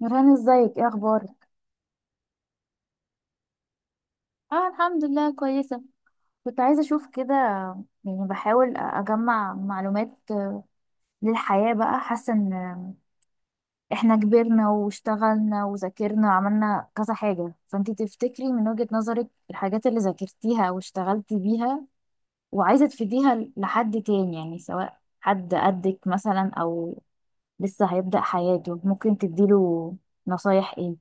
نوران، ازيك؟ ايه اخبارك؟ اه، الحمد لله، كويسه. كنت عايزه اشوف كده، يعني بحاول اجمع معلومات للحياه بقى. حاسه ان احنا كبرنا واشتغلنا وذاكرنا وعملنا كذا حاجه، فانتي تفتكري من وجهه نظرك الحاجات اللي ذاكرتيها واشتغلتي بيها وعايزه تفيديها لحد تاني، يعني سواء حد قدك مثلا او لسه هيبدأ حياته، ممكن تديله نصايح ايه؟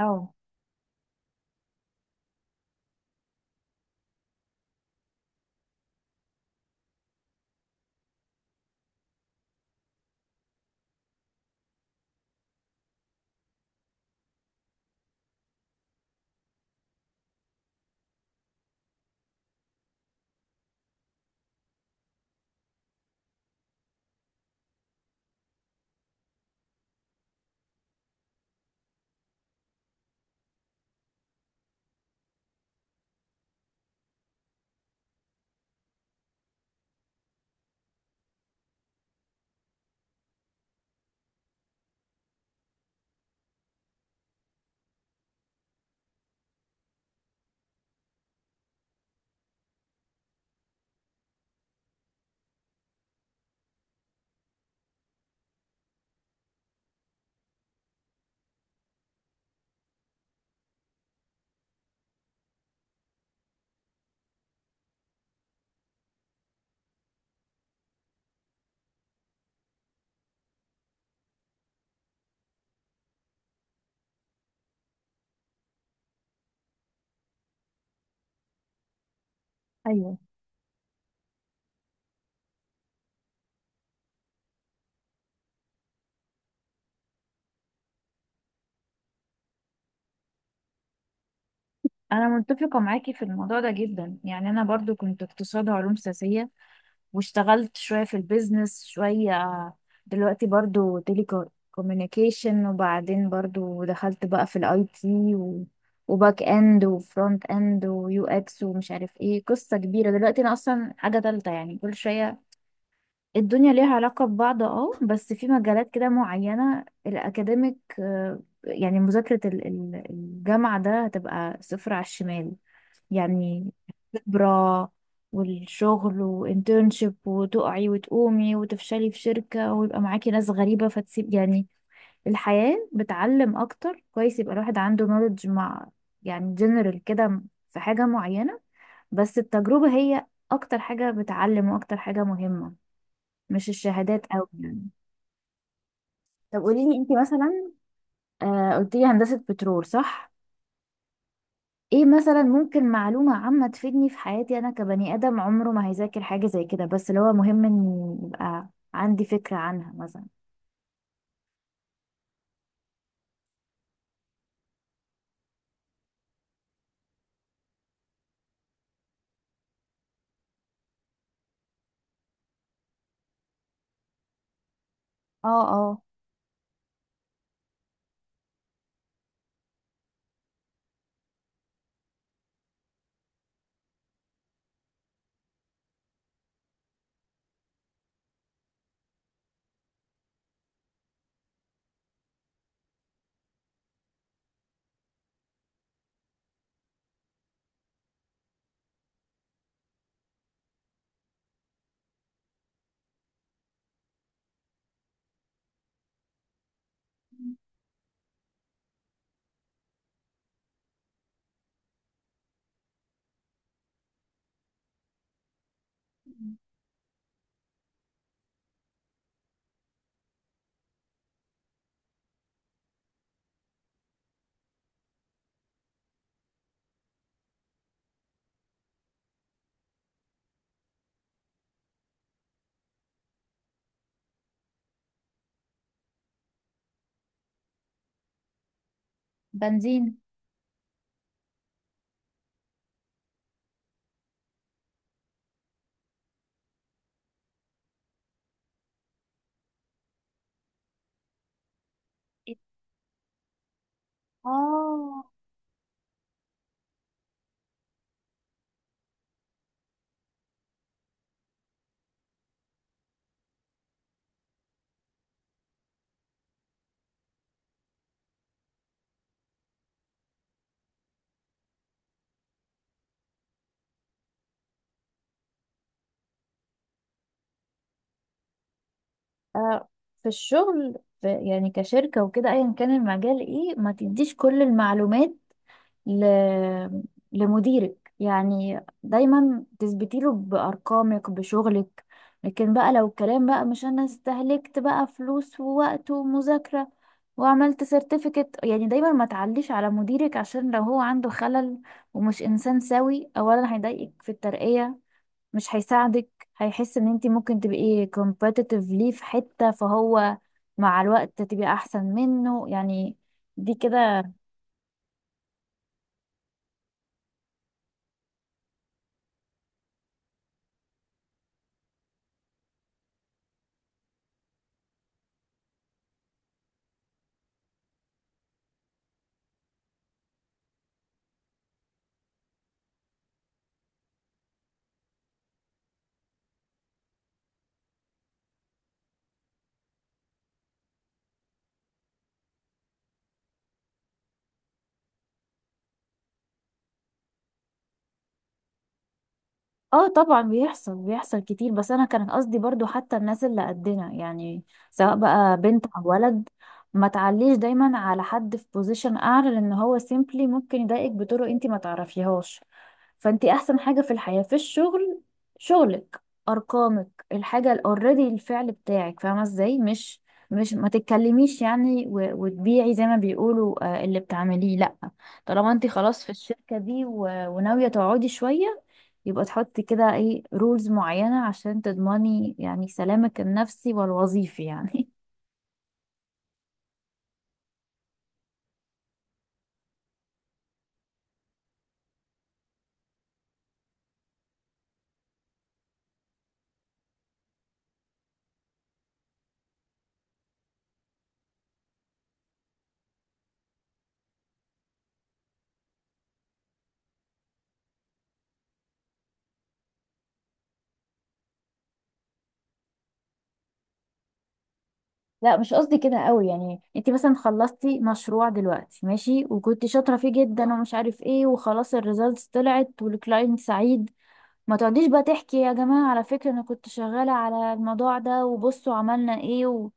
اه، ايوه، انا متفقه معاكي في الموضوع ده جدا. يعني انا برضو كنت اقتصاد وعلوم سياسيه واشتغلت شويه في البيزنس، شويه دلوقتي برضو تيلي كوميونيكيشن، وبعدين برضو دخلت بقى في الاي تي وباك اند وفرونت اند ويو اكس ومش عارف ايه، قصه كبيره. دلوقتي انا اصلا حاجه تالته. يعني كل شويه الدنيا ليها علاقه ببعض، اه، بس في مجالات كده معينه الاكاديميك، يعني مذاكره الجامعه ده هتبقى صفر على الشمال يعني. خبرة والشغل وانترنشيب، وتقعي وتقومي وتفشلي في شركة ويبقى معاكي ناس غريبة فتسيب يعني. الحياة بتعلم أكتر، كويس يبقى الواحد عنده نولج مع، يعني جنرال كده، في حاجة معينة. بس التجربة هي أكتر حاجة بتعلم وأكتر حاجة مهمة، مش الشهادات أوي يعني. طب قوليلي انتي مثلا، آه، قلتيلي هندسة بترول صح؟ ايه مثلا ممكن معلومة عامة تفيدني في حياتي انا كبني ادم عمره ما هيذاكر حاجة زي كده، بس اللي هو مهم ان يبقى عندي فكرة عنها مثلا. اه، اه. بنزين. اه. آه، في الشغل، في يعني كشركة وكده ايا كان المجال ايه، ما تديش كل المعلومات ل... لمديرك. يعني دايما تثبتي له بأرقامك بشغلك، لكن بقى لو الكلام بقى مش، انا استهلكت بقى فلوس ووقت ومذاكرة وعملت سيرتيفيكت، يعني دايما ما تعليش على مديرك. عشان لو هو عنده خلل ومش انسان سوي، اولا هيضايقك في الترقية، مش هيساعدك، هيحس ان انتي ممكن تبقي competitive ليه في حتة، فهو مع الوقت تبقي احسن منه يعني. دي كده. اه طبعا، بيحصل بيحصل كتير. بس انا كان قصدي برضو حتى الناس اللي قدنا، يعني سواء بقى بنت او ولد، ما تعليش دايما على حد في بوزيشن اعلى، لان هو سيمبلي ممكن يضايقك بطرق انت ما تعرفيهاش. فانت احسن حاجة في الحياة في الشغل، شغلك، ارقامك، الحاجة اوريدي، الفعل بتاعك. فاهمة ازاي؟ مش ما تتكلميش يعني وتبيعي زي ما بيقولوا، اللي بتعمليه، لا. طالما انت خلاص في الشركة دي وناوية تقعدي شوية، يبقى تحطي كده ايه رولز معينة عشان تضمني يعني سلامك النفسي والوظيفي يعني. لا مش قصدي كده قوي. يعني انت مثلا خلصتي مشروع دلوقتي ماشي وكنت شاطره فيه جدا ومش عارف ايه، وخلاص الريزلتس طلعت والكلاينت سعيد، ما تقعديش بقى تحكي يا جماعه على فكره انا كنت شغاله على الموضوع ده وبصوا عملنا ايه.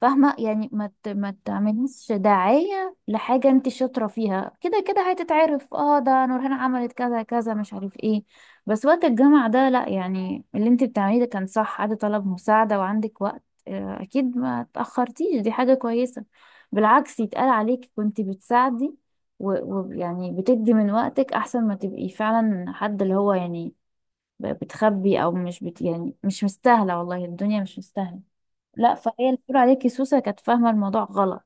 فاهمة يعني؟ ما تعمليش داعية لحاجة انت شاطرة فيها، كده كده هتتعرف. اه، ده نورهان عملت كذا كذا مش عارف ايه. بس وقت الجامعة ده لا، يعني اللي انت بتعمليه ده كان صح، عادي طلب مساعدة وعندك وقت، اكيد ما اتأخرتيش، دي حاجة كويسة. بالعكس، يتقال عليك كنت بتساعدي ويعني بتدي من وقتك، احسن ما تبقي فعلا حد اللي هو يعني بتخبي او مش بت يعني. مش مستاهلة، والله الدنيا مش مستاهلة. لا، فهي اللي بتقول عليكي سوسة كانت فاهمة الموضوع غلط.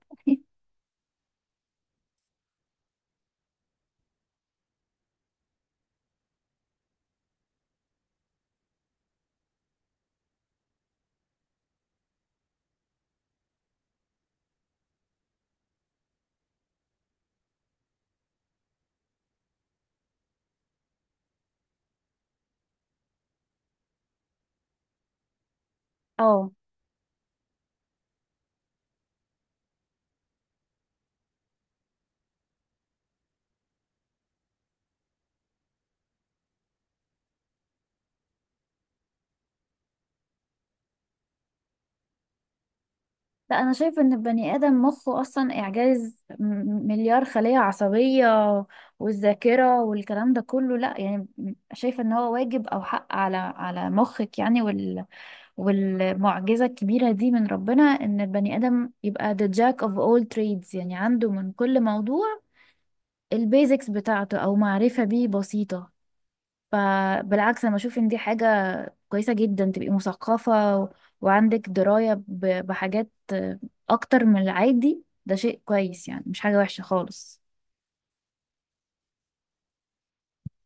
اه. لا، انا شايفه ان البني ادم مخه اصلا اعجاز، 1,000,000,000 خليه عصبيه والذاكره والكلام ده كله. لا يعني شايفه ان هو واجب او حق على على مخك يعني. والمعجزه الكبيره دي من ربنا ان البني ادم يبقى the jack of all trades، يعني عنده من كل موضوع البيزكس بتاعته او معرفه بيه بسيطه. فبالعكس، انا بشوف ان دي حاجة كويسة جدا، تبقي مثقفة وعندك دراية بحاجات اكتر من العادي. ده شيء كويس يعني، مش حاجة وحشة خالص.